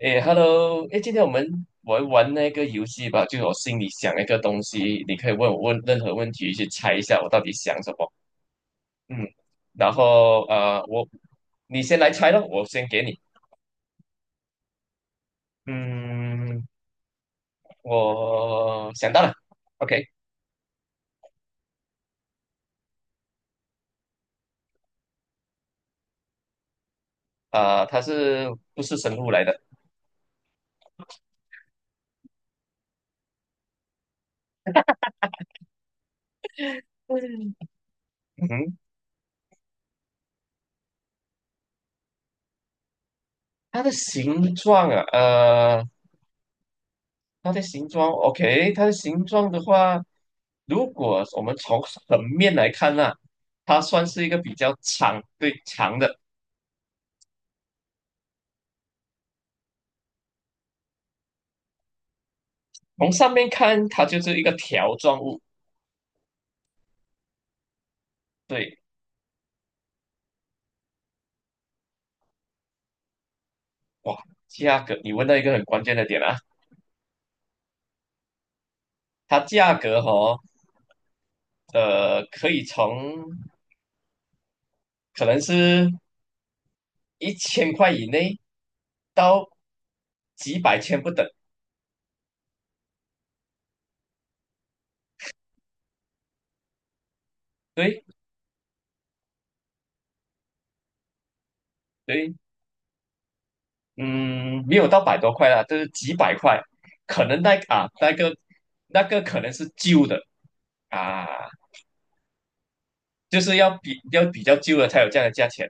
诶 h e l l o 诶，今天我们玩玩那个游戏吧，就是我心里想一个东西，你可以问我问任何问题，去猜一下我到底想什么。嗯，然后你先来猜咯，我先给你。嗯，我想到了，OK，啊、它是不是生物来的？嗯，它的形状啊，它的形状，OK，它的形状的话，如果我们从横面来看呢、它算是一个比较长，对，长的。从上面看，它就是一个条状物。对，哇，价格，你问到一个很关键的点啊，它价格哦，可以从可能是1000块以内到几百千不等。对。对，嗯，没有到百多块啦，就是几百块，可能那个可能是旧的啊，就是要比较旧的才有这样的价钱。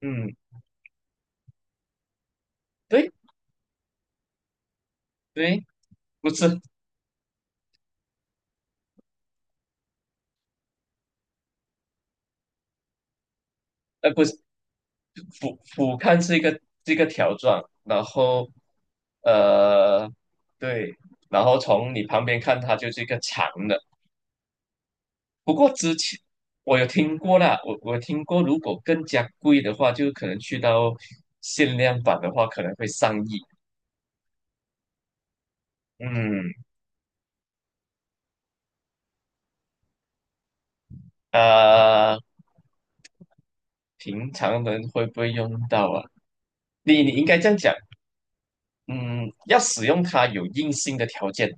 嗯，对对，不是不是，俯瞰是一个条状，然后呃对，然后从你旁边看它就是一个长的。不过之前我有听过啦，我听过，如果更加贵的话，就可能去到限量版的话，可能会上亿。嗯，呃，平常人会不会用到啊？你应该这样讲，嗯，要使用它有硬性的条件，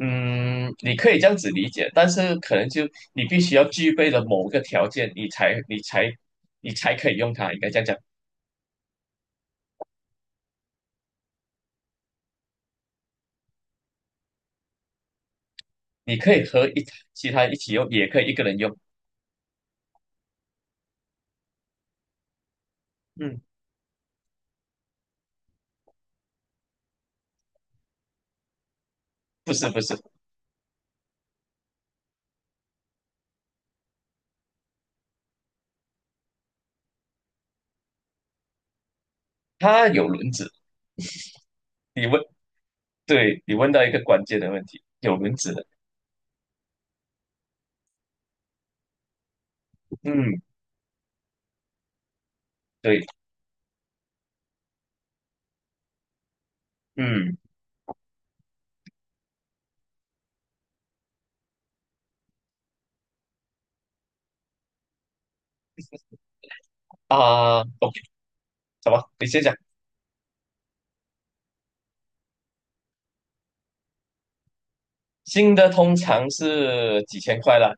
嗯，你可以这样子理解，但是可能就你必须要具备了某个条件，你才可以用它，应该这样讲，你可以和其他一起用，也可以一个人用，嗯，不是不是，它有轮子，你问，对，你问到一个关键的问题，有轮子的，嗯，对，嗯啊，OK，什么？你先讲。新的通常是几千块啦，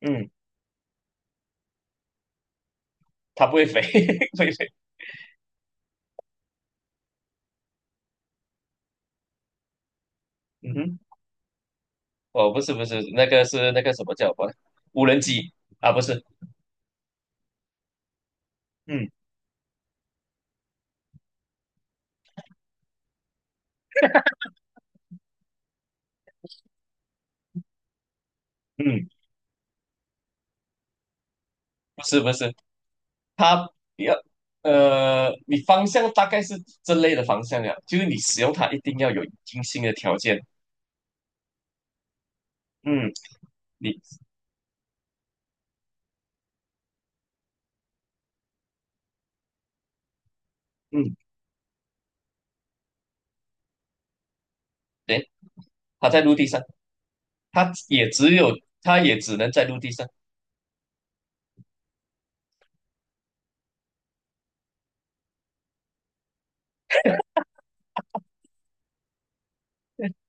嗯，它不会飞，不会飞。嗯哼，哦，不是不是，那个是那个什么叫什么无人机啊？不是，嗯嗯，不是不是，你要你方向大概是这类的方向呀，就是你使用它一定要有精心的条件。嗯，你嗯，对，它在陆地上，它也只有它也只能在陆地上，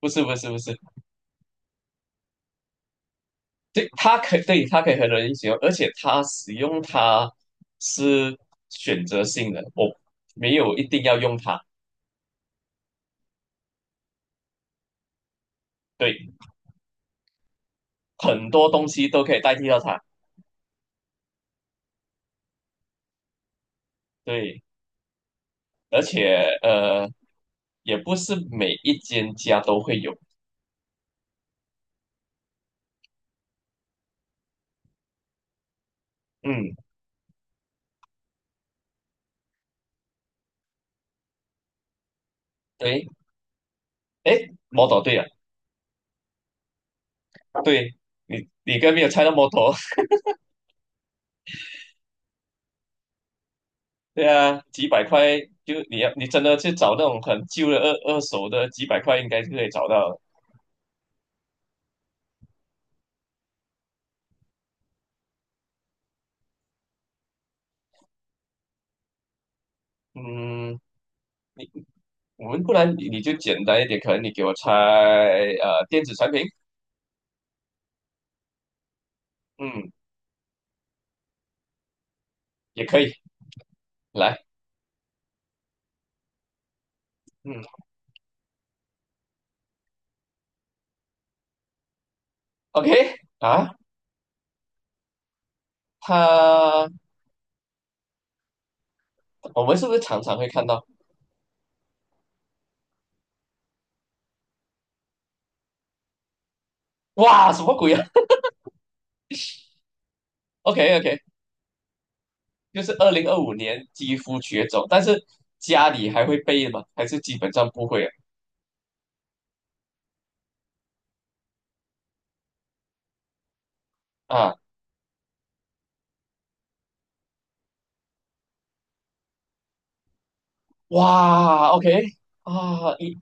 不是不是不是。对，它可以对，它可以和人一起用，而且它使用它是选择性的，我没有一定要用它。对，很多东西都可以代替到它。对，而且也不是每一间家都会有。嗯，对，诶，摩托对啊，对，你刚没有猜到摩托，对啊，几百块就你真的去找那种很旧的二手的，几百块应该是可以找到的。嗯。我们不然你就简单一点，可能你给我猜电子产品，嗯，也可以来，嗯，OK 啊，它我们是不是常常会看到？哇，什么鬼啊 ？OK OK，就是2025年肌肤绝种，但是家里还会备吗？还是基本上不会啊？啊，哇，OK 啊，你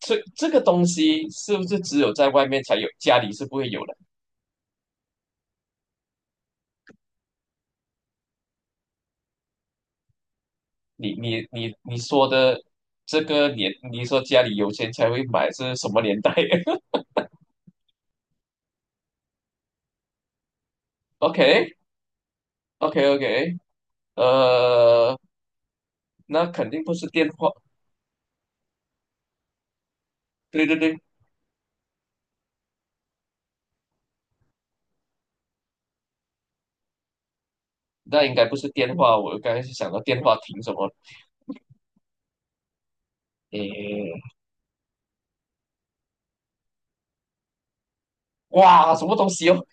这个东西是不是只有在外面才有，家里是不会有的？你说的这个年，你说家里有钱才会买是什么年代 ？OK OK OK，呃，那肯定不是电话，对对对，那应该不是电话。我刚才是想到电话亭什么，诶，哇，什么东西哦？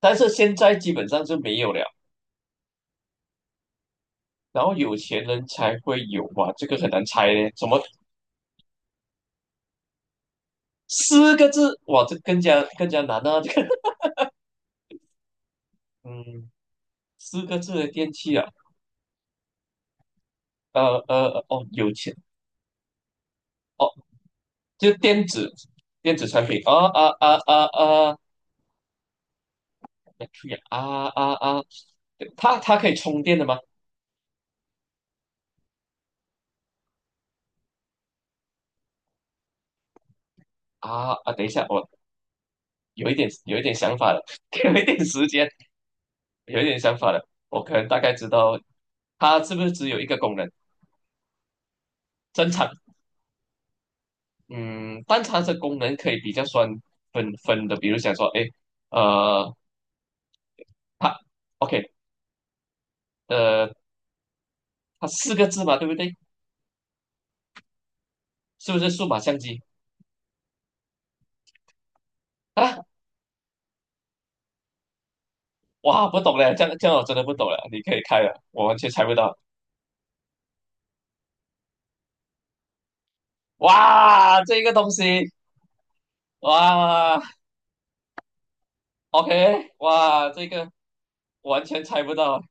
但是现在基本上是没有了。然后有钱人才会有哇，这个很难猜嘞，什么四个字哇，这更加更加难啊，这个 嗯，四个字的电器啊，哦，有钱。哦。就电子产品，啊啊啊啊啊 b a 啊啊啊啊，它可以充电的吗？等一下，我有一点想法了，给我一点时间，有一点想法了，我可能大概知道它是不是只有一个功能，正常，嗯，但它这功能可以比较算分分的，比如想说，哎，呃，它 OK，呃，它四个字嘛，对不对？是不是数码相机啊？哇，不懂嘞，这样我真的不懂了，你可以开了，我完全猜不到。哇，这个东西，哇，OK，哇，这个完全猜不到。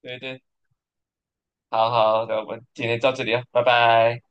对对，好好的，我们今天到这里啊，拜拜。